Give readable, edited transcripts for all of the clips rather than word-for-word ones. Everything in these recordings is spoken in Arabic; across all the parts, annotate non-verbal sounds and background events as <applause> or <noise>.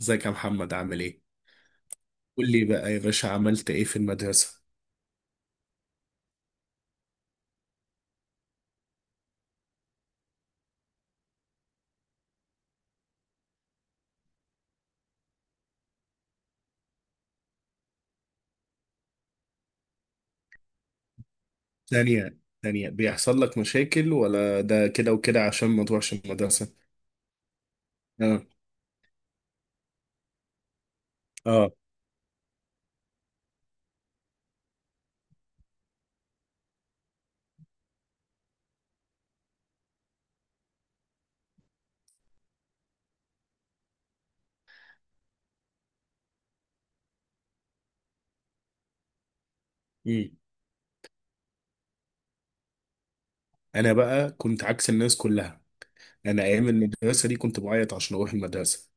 ازيك يا محمد عامل ايه؟ قول لي بقى يا باشا عملت ايه في المدرسة؟ ثانية ثانية بيحصل لك مشاكل ولا ده كده وكده عشان ما تروحش المدرسة؟ اه اه مم. انا بقى كنت عكس الناس كلها. انا ايام المدرسة دي كنت بعيط عشان اروح المدرسة.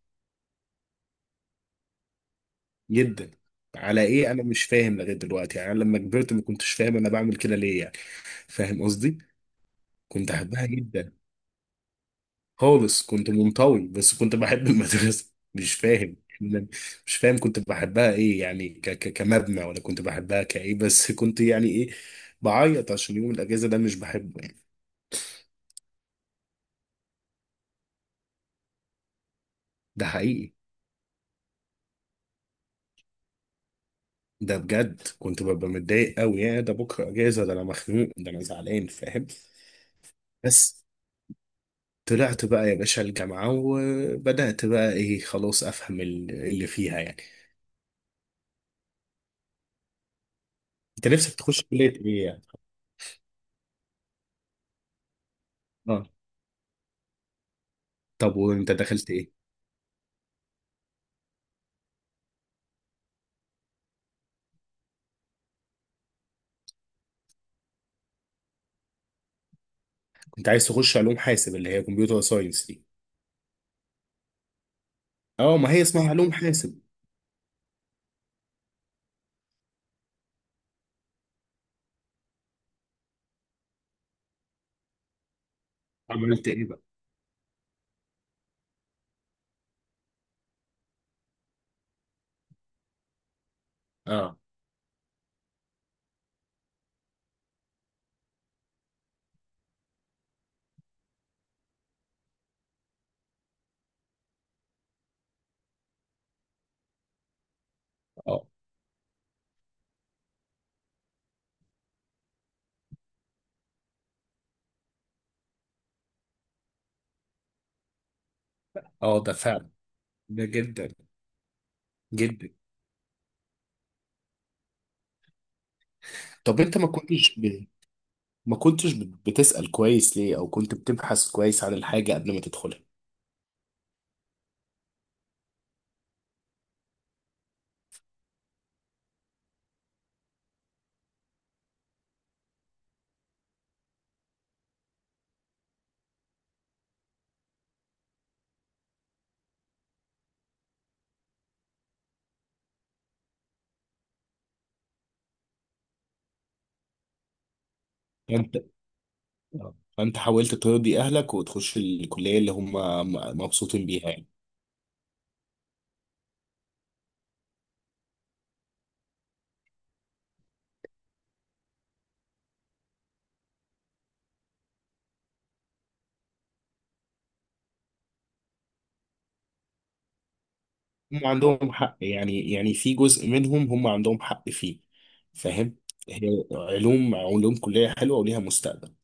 جدا. على ايه انا مش فاهم لغاية دلوقتي، يعني انا لما كبرت ما كنتش فاهم انا بعمل كده ليه يعني. فاهم قصدي؟ كنت احبها جدا خالص، كنت منطوي بس كنت بحب <laughs> المدرسة، مش فاهم. مش فاهم كنت بحبها ايه، يعني ك كمبنى ولا كنت بحبها كايه، بس كنت يعني ايه، بعيط عشان يوم الاجازة ده مش بحبه يعني. ده حقيقي. ده بجد كنت ببقى متضايق قوي، يا ده بكرة اجازة، ده انا مخنوق، ده انا زعلان، فاهم. بس طلعت بقى يا باشا الجامعة وبدأت بقى ايه خلاص افهم اللي فيها يعني. انت نفسك تخش كلية ايه يعني؟ اه. طب وانت دخلت ايه؟ انت عايز تخش علوم حاسب اللي هي كمبيوتر ساينس دي؟ اه، ما هي اسمها علوم حاسب. عملت ايه بقى؟ اه. اه. اه ده فعلا. ده جدا. جدا. طب انت ما كنتش بتسأل كويس ليه، او كنت بتبحث كويس عن الحاجة قبل ما تدخلها؟ انت آه. فانت حاولت ترضي اهلك وتخش الكلية اللي هم مبسوطين بيها يعني. هم عندهم حق يعني، يعني في جزء منهم هم عندهم حق فيه، فاهم. هي علوم، علوم كلية حلوة وليها مستقبل.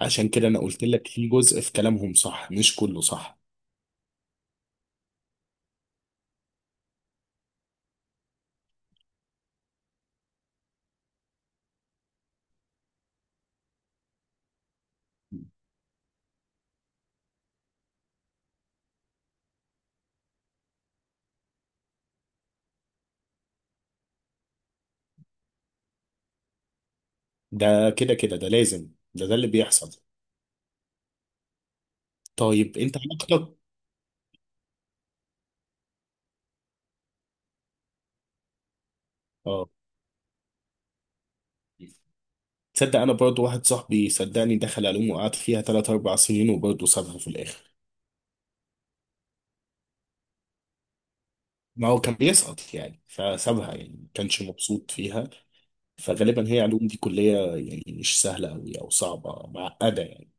عشان كده انا قلت لك في جزء في كلامهم صح، مش كله صح. ده كده كده ده لازم، ده ده اللي بيحصل. طيب انت علاقتك. اه. تصدق انا برضو واحد صاحبي صدقني دخل علوم وقعد فيها 3 4 سنين وبرضه سابها في الاخر. ما هو كان بيسقط يعني فسابها، يعني ما كانش مبسوط فيها. فغالبا هي علوم دي كلية، يعني مش سهلة أوي أو صعبة معقدة يعني.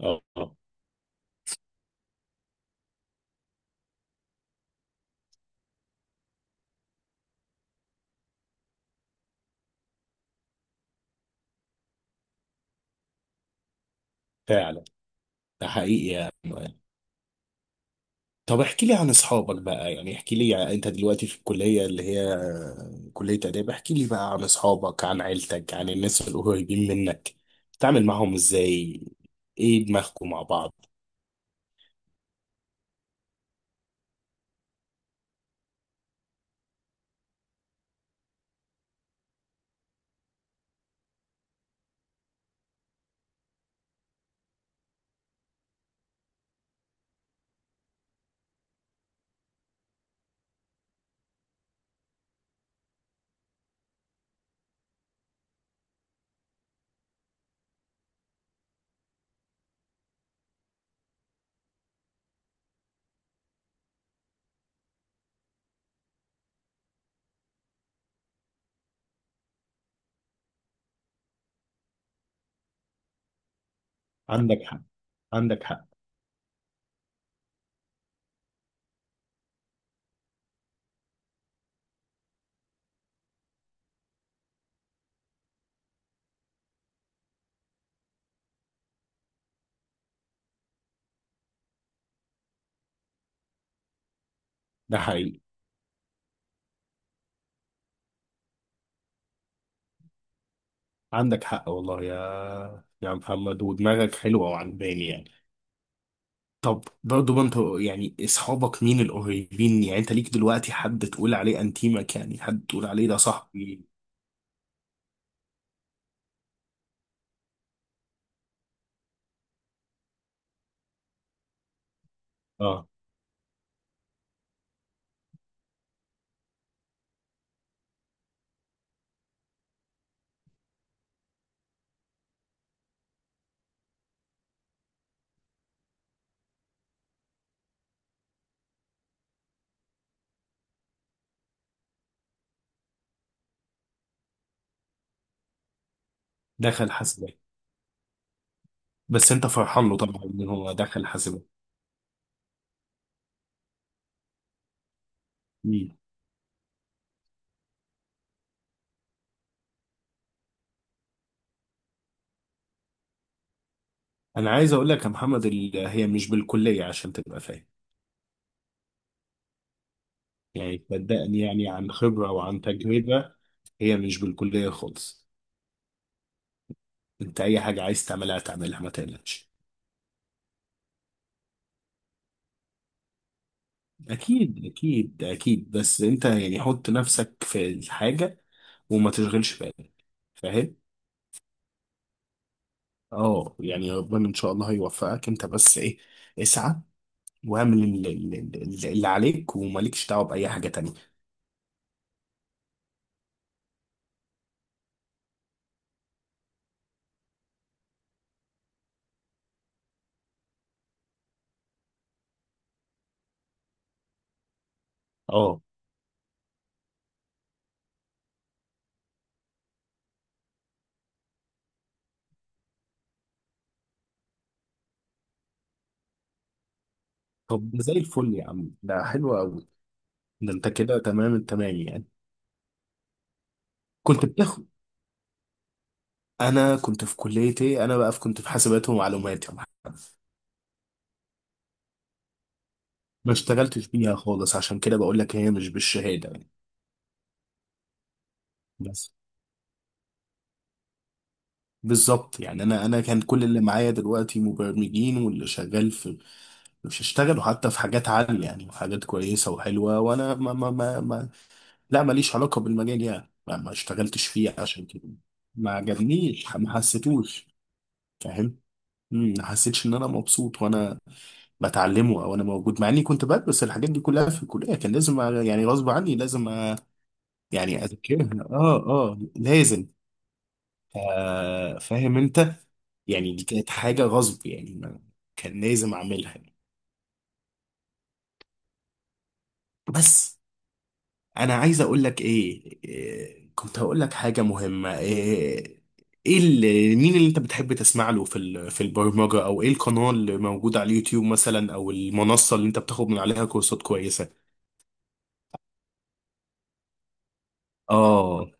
اه. آه، فعلا. ده حقيقي يعني. طب احكي لي عن اصحابك بقى، يعني احكي لي انت دلوقتي في الكلية اللي هي كلية آداب، احكي لي بقى عن اصحابك، عن عيلتك، عن الناس القريبين منك. بتتعامل معاهم ازاي؟ ايه دماغكم مع بعض؟ عندك حق. عندك حق. ده حقيقي. عندك حق والله يا محمد، ودماغك حلوة وعجباني يعني. طب برضه ما انت، يعني اصحابك مين القريبين، يعني انت ليك دلوقتي حد تقول عليه انتيمك، يعني حد تقول عليه ده صاحبي؟ اه. دخل حسن. بس انت فرحان له طبعا ان هو دخل حاسبات. مم. انا عايز اقول لك يا محمد هي مش بالكليه عشان تبقى فاهم. يعني صدقني، يعني عن خبره وعن تجربه، هي مش بالكليه خالص. انت اي حاجه عايز تعملها تعملها، ما تقلقش. اكيد اكيد اكيد، بس انت يعني حط نفسك في الحاجه وما تشغلش بالك، فاهم. اه، يعني ربنا ان شاء الله هيوفقك، انت بس ايه، اسعى واعمل اللي عليك، ومالكش دعوه باي حاجه تانية. اه. طب ده زي الفل يا عم، ده حلو قوي. ده انت كده تمام التمام يعني. كنت بتاخد. انا كنت في كلية ايه، انا بقى في كنت في حاسبات ومعلومات يا محمد. ما اشتغلتش بيها خالص، عشان كده بقول لك هي مش بالشهادة يعني. بس. بالظبط. يعني انا كان كل اللي معايا دلوقتي مبرمجين واللي شغال في، مش اشتغلوا حتى في حاجات عالية، يعني حاجات كويسة وحلوة. وانا ما لا ماليش علاقة بالمجال، يعني ما اشتغلتش فيه عشان كده. ما عجبنيش، ما حسيتوش. فاهم. مم، ما حسيتش ان انا مبسوط وانا بتعلمه او انا موجود، مع اني كنت بدرس الحاجات دي كلها في الكليه، كان لازم يعني غصب عني لازم أ- يعني اذاكرها. اه اه لازم. آه فاهم انت. يعني دي كانت حاجه غصب، كان لازم اعملها. بس انا عايز اقول لك ايه، إيه، كنت هقول لك حاجه مهمه، ايه؟ ايه اللي مين اللي انت بتحب تسمع له في في البرمجه، او ايه القناه اللي موجوده على اليوتيوب مثلا، او المنصه اللي انت بتاخد من عليها كورسات كويسه؟ اه،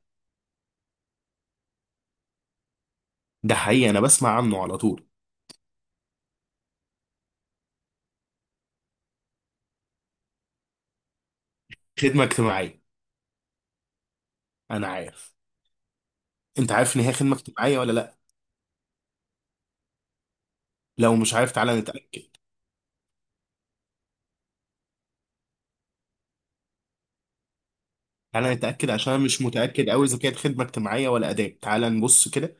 ده حقيقي، انا بسمع عنه على طول. خدمه اجتماعيه. انا عارف. انت عارف ان هي خدمه اجتماعيه ولا لا؟ لو مش عارف تعالى نتاكد. تعالى نتاكد عشان أنا مش متاكد قوي اذا كانت خدمه اجتماعيه ولا اداب، تعالى نبص كده.